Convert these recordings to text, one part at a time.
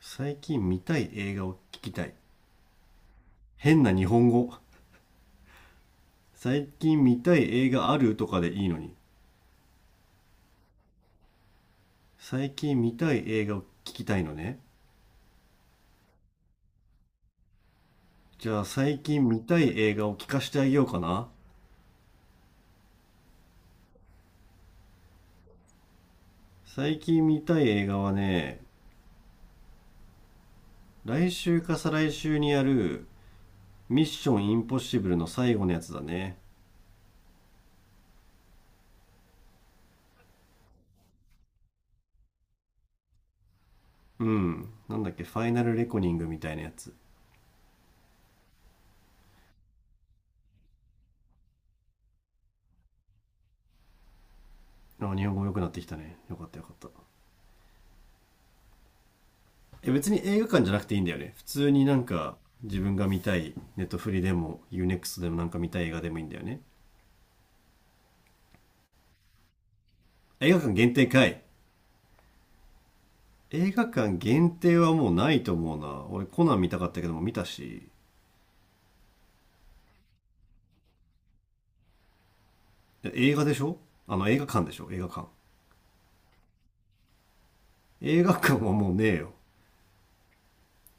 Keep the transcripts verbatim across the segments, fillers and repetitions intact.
最近見たい映画を聞きたい。変な日本語。最近見たい映画あるとかでいいのに。最近見たい映画を聞きたいのね。じゃあ最近見たい映画を聞かしてあげようかな。最近見たい映画はね、来週か再来週にやるミッションインポッシブルの最後のやつだね。うん。なんだっけ、ファイナルレコニングみたいなやつ。あ、日本語良くなってきたね。よかったよかった。え、別に映画館じゃなくていいんだよね、普通になんか自分が見たいネットフリでもユーネクストでもなんか見たい映画でもいいんだよね。映画館限定かい。映画館限定はもうないと思うな。俺コナン見たかったけども見たし。映画でしょ。あの、映画館でしょ、映画館。映画館はもうねえよ。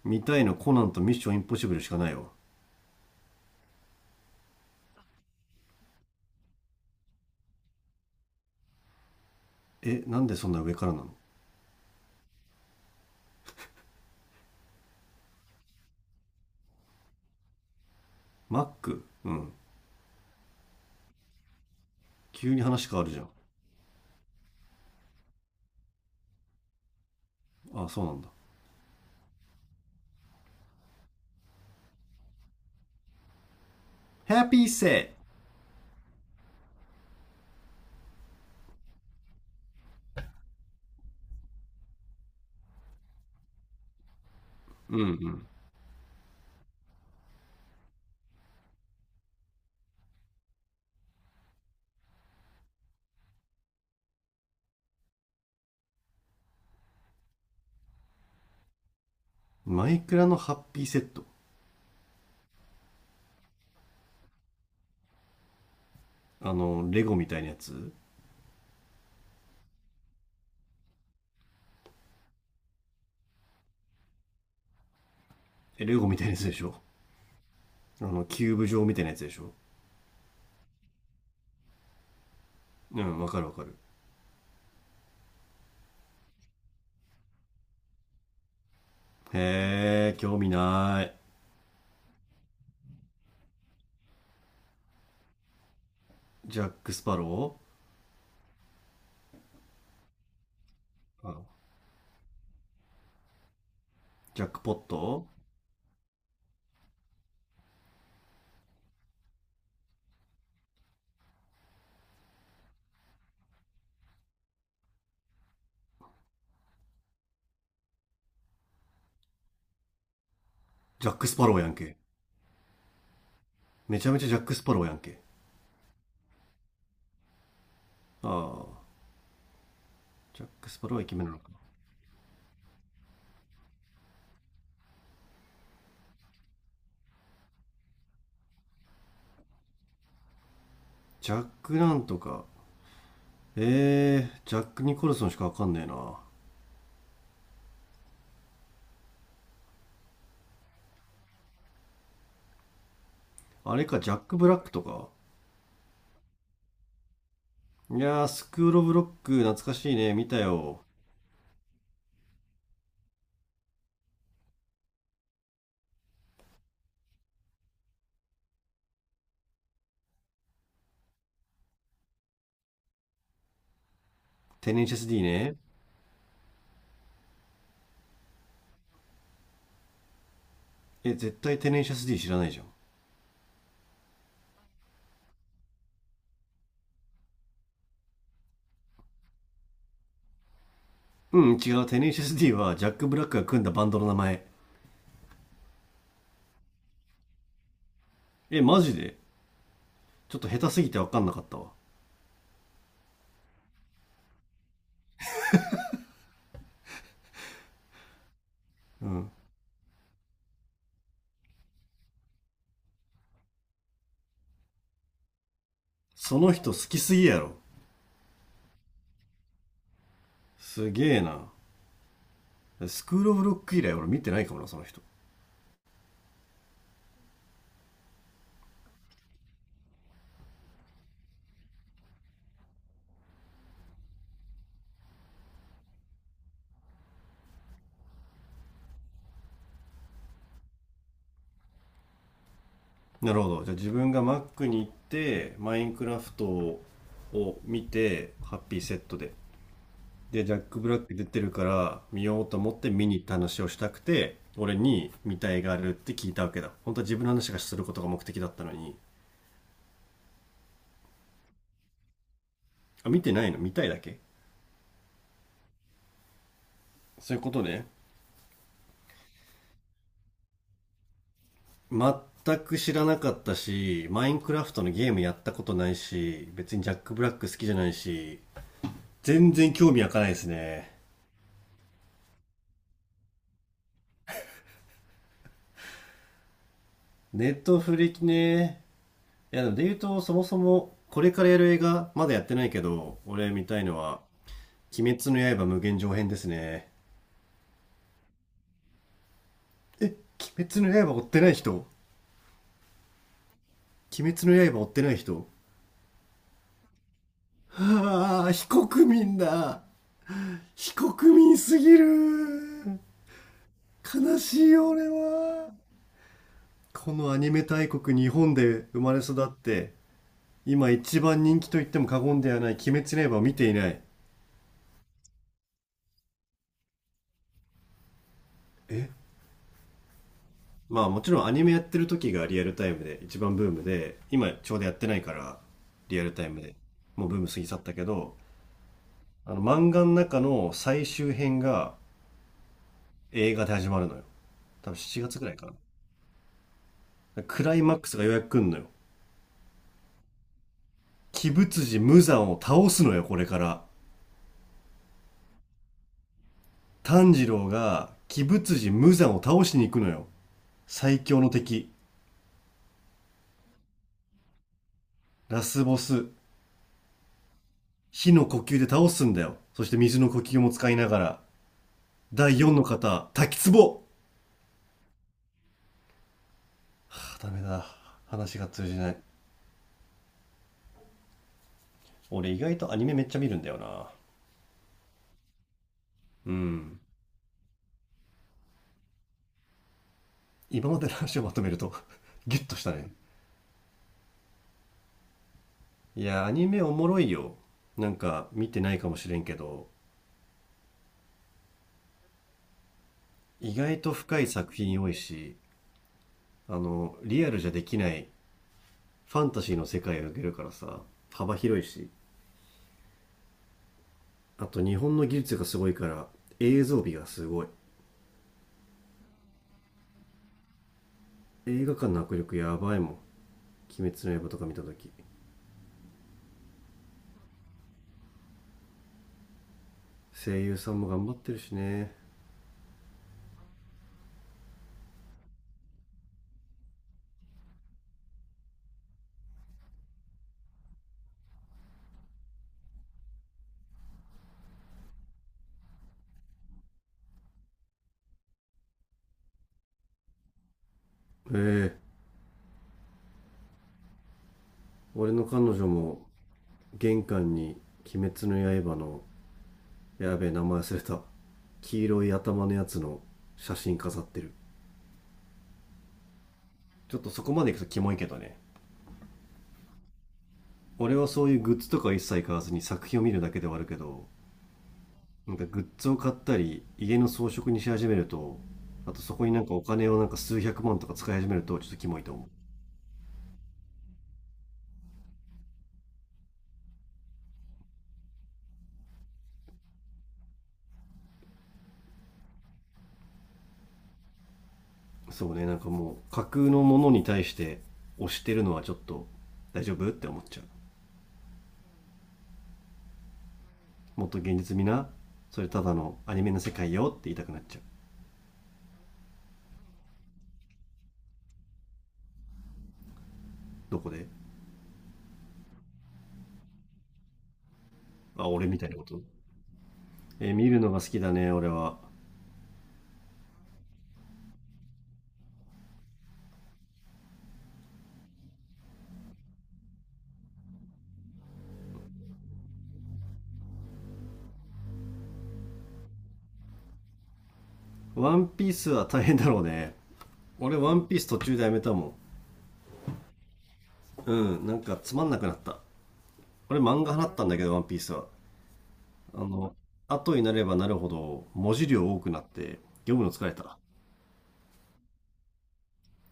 見たいのコナンとミッションインポッシブルしかないよ。え、なんでそんな上からなの。マック、うん。急に話変わるじゃん。あ、そうなんだ。ハッピーセット、うんうん。マイクラのハッピーセット、あの、レゴみたいなやつ。え、レゴみたいなやつでしょ。あの、キューブ状みたいなやつでしょ。うん、わかるわかる。へえ、興味ない。ジャック・スパロー、あ、ジャックポット、ジャック・スパローやんけ。めちゃめちゃジャック・スパローやんけ。ああ、ジャック・スパローはイケメンなのかな。ジャックなんとか。えー、ジャック・ニコルソンしかわかんねえな。あれか、ジャック・ブラックとか。いやー、スクール・オブ・ロック懐かしいね。見たよ。テネシャス D ね。え、絶対テネシャス D 知らないじゃん。うん、違う。テネシス D はジャック・ブラックが組んだバンドの名前。え、マジで。ちょっと下手すぎて分かんなかったわ。うん。その人好きすぎやろ。すげえな。スクール・オブ・ロック以来俺見てないかもな、その人。なるほど。じゃあ自分が Mac に行って、マインクラフトを見て、ハッピーセットで、で、ジャック・ブラック出てるから見ようと思って見に行った話をしたくて、俺に見たいがあるって聞いたわけだ。本当は自分の話がすることが目的だったのに。あ、見てないの、見たいだけ、そういうことね。全く知らなかったし、マインクラフトのゲームやったことないし、別にジャック・ブラック好きじゃないし、全然興味湧かないですね。ネットフリね。いや、でも言うと、そもそも、これからやる映画、まだやってないけど、俺見たいのは、鬼滅の刃無限上編ですね。え、鬼滅の刃追ってない人。鬼滅の刃追ってない人はあ、非国民だ。非国民すぎる。悲しいよ俺は。このアニメ大国日本で生まれ育って今一番人気と言っても過言ではない「鬼滅の刃」を見ていない。え、まあもちろんアニメやってる時がリアルタイムで一番ブームで今ちょうどやってないから、リアルタイムでもうブーム過ぎ去ったけど、あの漫画の中の最終編が映画で始まるのよ。多分しちがつぐらいかな。クライマックスがようやく来んのよ。鬼舞辻無惨を倒すのよこれから。炭治郎が鬼舞辻無惨を倒しに行くのよ。最強の敵、ラスボス、火の呼吸で倒すんだよ。そして水の呼吸も使いながら。だいよんの方、滝壺。はあ、ダメだ。話が通じない。俺意外とアニメめっちゃ見るんだよな。うん。今までの話をまとめると、ギュッとしたね。いや、アニメおもろいよ。なんか見てないかもしれんけど、意外と深い作品多いし、あの、リアルじゃできないファンタジーの世界を描けるからさ、幅広いし、あと日本の技術がすごいから映像美がすごい。映画館の迫力やばいもん、鬼滅の刃とか見たとき。声優さんも頑張ってるしね。ええ、俺の彼女も玄関に鬼滅の刃の、やべえ名前忘れた、黄色い頭のやつの写真飾ってる。ちょっとそこまで行くとキモいけどね。俺はそういうグッズとか一切買わずに作品を見るだけではあるけど、なんかグッズを買ったり家の装飾にし始めると、あとそこになんかお金をなんかすうひゃくまんとか使い始めるとちょっとキモいと思う。そうね、なんかもう架空のものに対して推してるのはちょっと大丈夫って思っちゃう。もっと現実味な、それただのアニメの世界よって言いたくなっちゃう。どこで。あ、俺みたいなこと。えー、見るのが好きだね俺は。ワンピースは大変だろうね。俺ワンピース途中でやめたもん。うん、なんかつまんなくなった。俺漫画派だったんだけどワンピースは、あの後になればなるほど文字量多くなって読むの疲れた。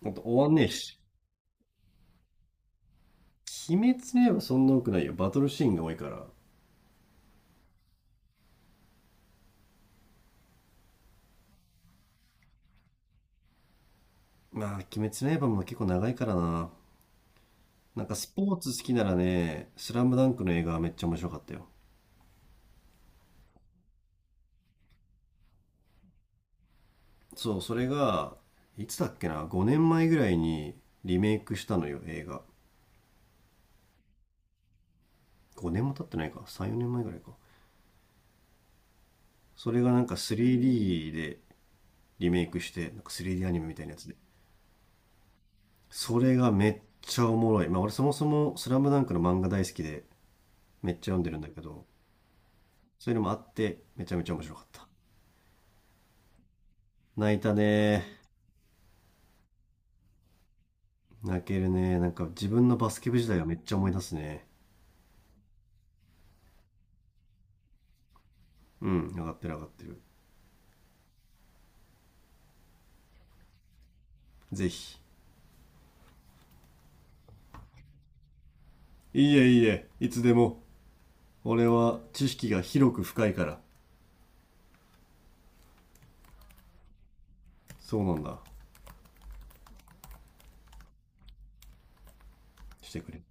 ほんと終わんねえし。鬼滅の刃そんな多くないよ。バトルシーンが多いから。まあ、鬼滅の刃も結構長いからな。なんかスポーツ好きならね、スラムダンクの映画はめっちゃ面白かったよ。そう、それが、いつだっけな、ごねんまえぐらいにリメイクしたのよ、映画。ごねんも経ってないか、さん、よねんまえぐらいか。それがなんか スリーディー でリメイクして、なんか スリーディー アニメみたいなやつで。それがめっちゃおもろい。まあ俺そもそもスラムダンクの漫画大好きでめっちゃ読んでるんだけど、そういうのもあってめちゃめちゃ面白かった。泣いたね。泣けるね。なんか自分のバスケ部時代はめっちゃ思い出すね。うん、上がってる上がってる。ぜひ。いいえいいえ、いつでも。俺は知識が広く深いから。そうなんだ。してくれ。